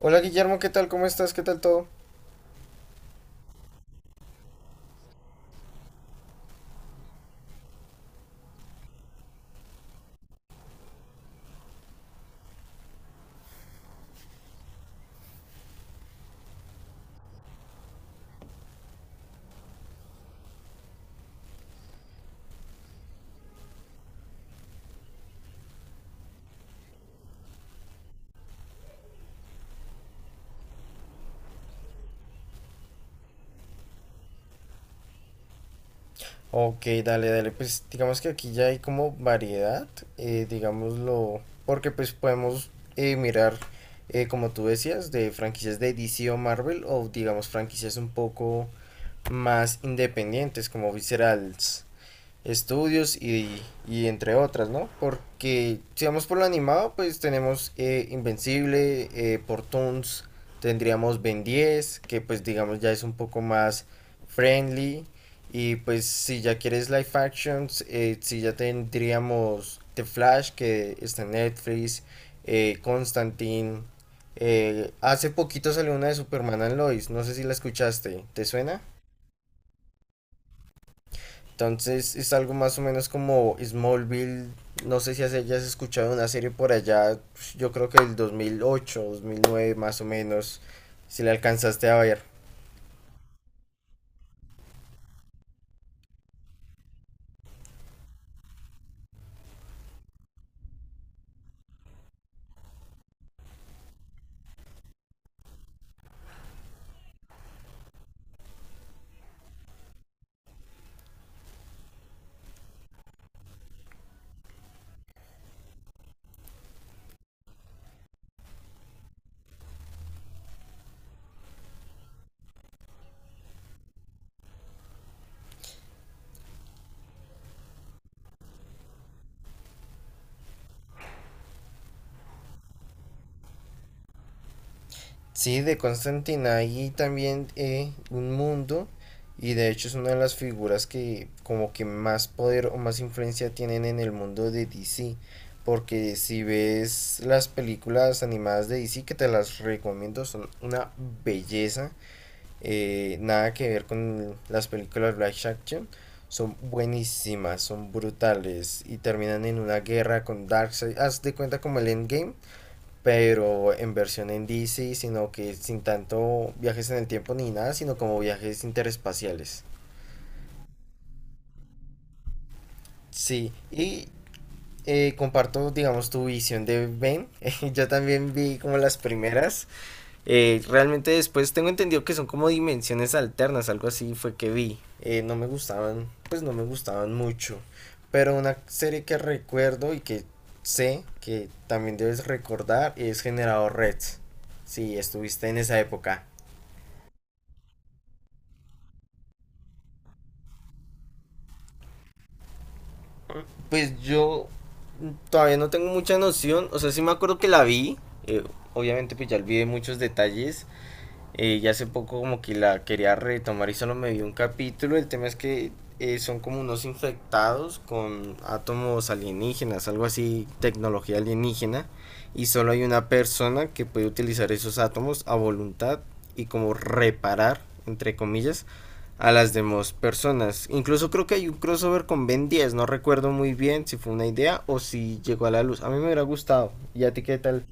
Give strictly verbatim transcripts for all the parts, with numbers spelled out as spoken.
Hola Guillermo, ¿qué tal? ¿Cómo estás? ¿Qué tal todo? Ok, dale, dale. Pues digamos que aquí ya hay como variedad, eh, digámoslo, porque pues podemos eh, mirar, eh, como tú decías, de franquicias de D C o Marvel o digamos franquicias un poco más independientes como Viscerals. estudios y, y entre otras, ¿no? Porque si vamos por lo animado, pues tenemos eh, Invencible, eh, por Toons, tendríamos Ben diez que pues digamos ya es un poco más friendly. Y pues si ya quieres live actions, eh, si ya tendríamos The Flash, que está en Netflix, eh, Constantine. eh, hace poquito salió una de Superman and Lois, no sé si la escuchaste, ¿te suena? Entonces es algo más o menos como Smallville. No sé si has- hayas escuchado una serie por allá, pues, yo creo que el dos mil ocho, dos mil nueve más o menos, si la alcanzaste a ver. Sí, de Constantine ahí también eh, un mundo, y de hecho es una de las figuras que como que más poder o más influencia tienen en el mundo de D C. Porque si ves las películas animadas de D C, que te las recomiendo, son una belleza, eh, nada que ver con las películas live action, son buenísimas, son brutales y terminan en una guerra con Darkseid. Haz de cuenta como el Endgame, pero en versión en D C, sino que sin tanto viajes en el tiempo ni nada, sino como viajes interespaciales. Sí, y eh, comparto, digamos, tu visión de Ben. Yo también vi como las primeras. Eh, realmente después tengo entendido que son como dimensiones alternas, algo así fue que vi. Eh, no me gustaban, pues no me gustaban mucho. Pero una serie que recuerdo y que sé que también debes recordar es Generador Red. Si estuviste en esa época. Pues yo todavía no tengo mucha noción. O sea, sí me acuerdo que la vi. eh, obviamente pues ya olvidé muchos detalles. Eh, y hace poco como que la quería retomar y solo me vi un capítulo. El tema es que eh, son como unos infectados con átomos alienígenas, algo así, tecnología alienígena. Y solo hay una persona que puede utilizar esos átomos a voluntad y como reparar, entre comillas, a las demás personas. Incluso creo que hay un crossover con Ben diez, no recuerdo muy bien si fue una idea o si llegó a la luz. A mí me hubiera gustado. ¿Y a ti qué tal?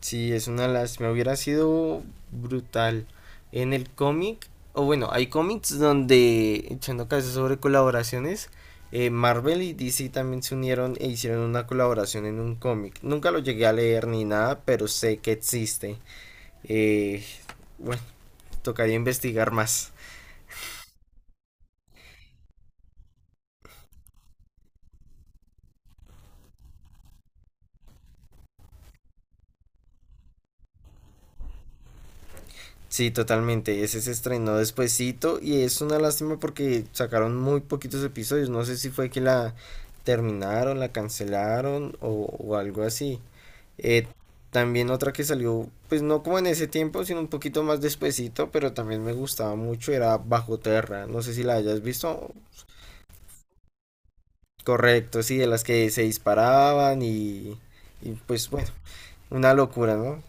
Sí, es una lástima, hubiera sido brutal. En el cómic, o bueno, hay cómics donde, echando caso sobre colaboraciones, eh, Marvel y D C también se unieron e hicieron una colaboración en un cómic. Nunca lo llegué a leer ni nada, pero sé que existe. Eh, bueno, tocaría investigar más. Sí, totalmente. Ese se estrenó despuesito y es una lástima porque sacaron muy poquitos episodios. No sé si fue que la terminaron, la cancelaron o, o algo así. Eh, también otra que salió, pues no como en ese tiempo, sino un poquito más despuesito, pero también me gustaba mucho, era Bajo Terra. No sé si la hayas visto. Correcto, sí, de las que se disparaban y, y pues bueno, una locura, ¿no?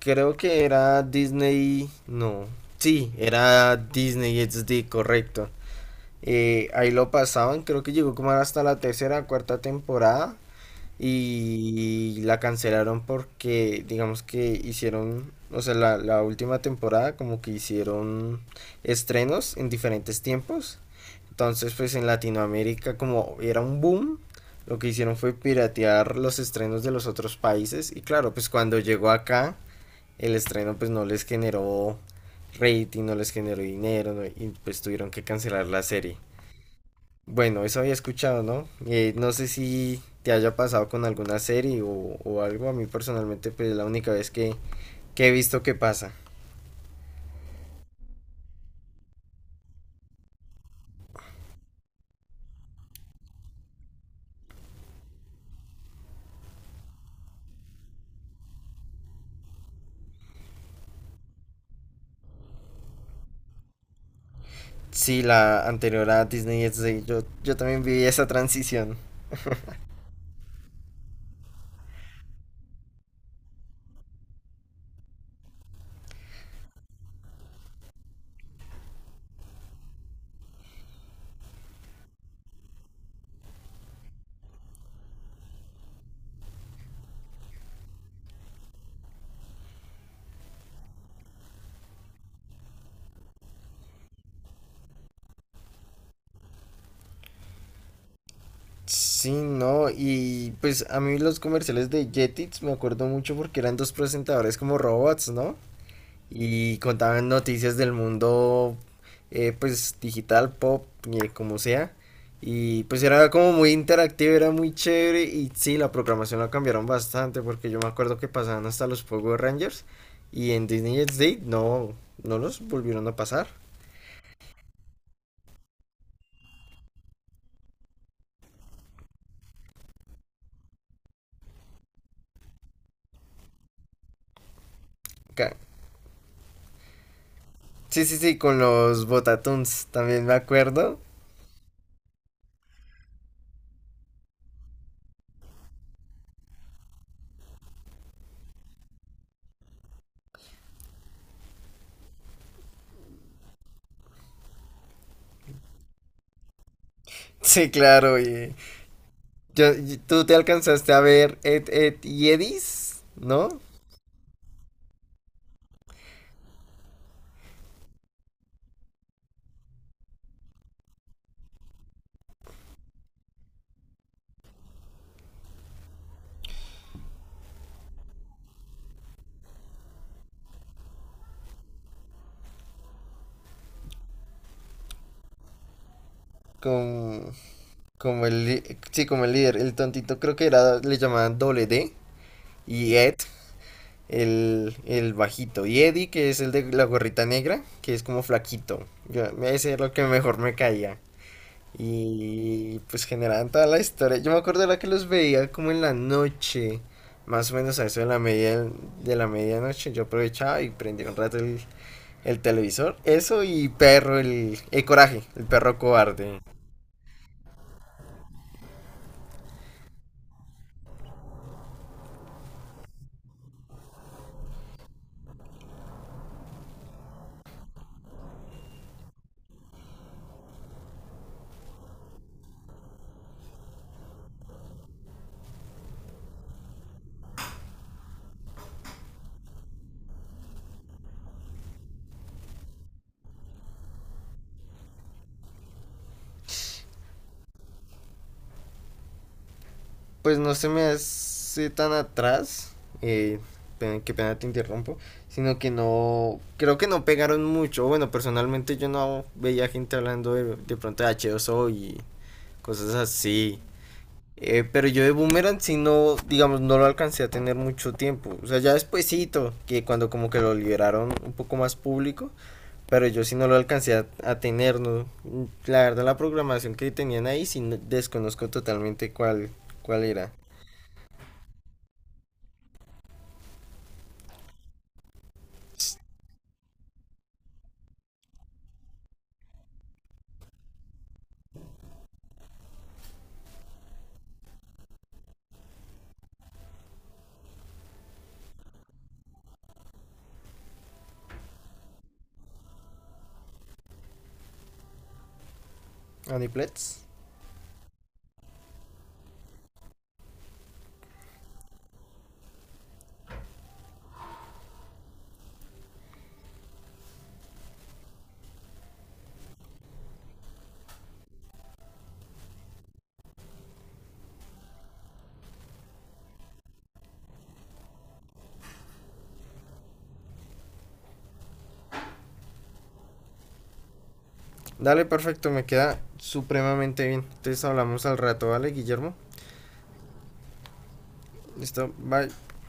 Creo que era Disney, no. Sí, era Disney X D, correcto. Eh, ahí lo pasaban, creo que llegó como hasta la tercera, cuarta temporada y la cancelaron porque digamos que hicieron, o sea, la, la última temporada como que hicieron estrenos en diferentes tiempos. Entonces, pues en Latinoamérica como era un boom, lo que hicieron fue piratear los estrenos de los otros países y claro, pues cuando llegó acá el estreno pues no les generó rating, no les generó dinero, ¿no? Y pues tuvieron que cancelar la serie. Bueno, eso había escuchado, ¿no? Eh, no sé si te haya pasado con alguna serie o, o algo. A mí personalmente pues es la única vez que, que he visto que pasa. Sí, la anterior a Disney X D, yo, yo también viví esa transición. Sí, no, y pues a mí los comerciales de Jetix me acuerdo mucho porque eran dos presentadores como robots, ¿no? Y contaban noticias del mundo eh, pues digital, pop, eh, como sea. Y pues era como muy interactivo, era muy chévere y sí, la programación la cambiaron bastante porque yo me acuerdo que pasaban hasta los Power Rangers y en Disney X D no, no los volvieron a pasar. Ca- Sí, sí, sí, con los Botatoons también me acuerdo. Sí, claro, y yo, y- tú te alcanzaste a ver Ed, Ed y Edis, ¿no? Con... Como el, li- sí, como el líder, el tontito creo que era, le llamaban doble D, y Ed, el, el bajito, y Eddie, que es el de la gorrita negra, que es como flaquito, yo, ese era lo que mejor me caía, y pues generaban toda la historia, yo me acuerdo era que los veía como en la noche, más o menos a eso de la media, de la medianoche, yo aprovechaba y prendía un rato el, el televisor, eso y perro, el, el coraje, el perro cobarde. Pues no se me hace tan atrás, eh, pena- qué pena te interrumpo, sino que no, creo que no pegaron mucho, bueno, personalmente yo no veía gente hablando de, de pronto de hache dos o y cosas así, eh, pero yo de Boomerang sí no, digamos, no lo alcancé a tener mucho tiempo, o sea, ya despuesito, que cuando como que lo liberaron un poco más público, pero yo sí no lo alcancé a, a tener, ¿no? La verdad la programación que tenían ahí sí no- desconozco totalmente cuál, cuál era. Adiplets. Dale, perfecto, me queda supremamente bien. Entonces hablamos al rato, ¿vale, Guillermo? Listo, bye.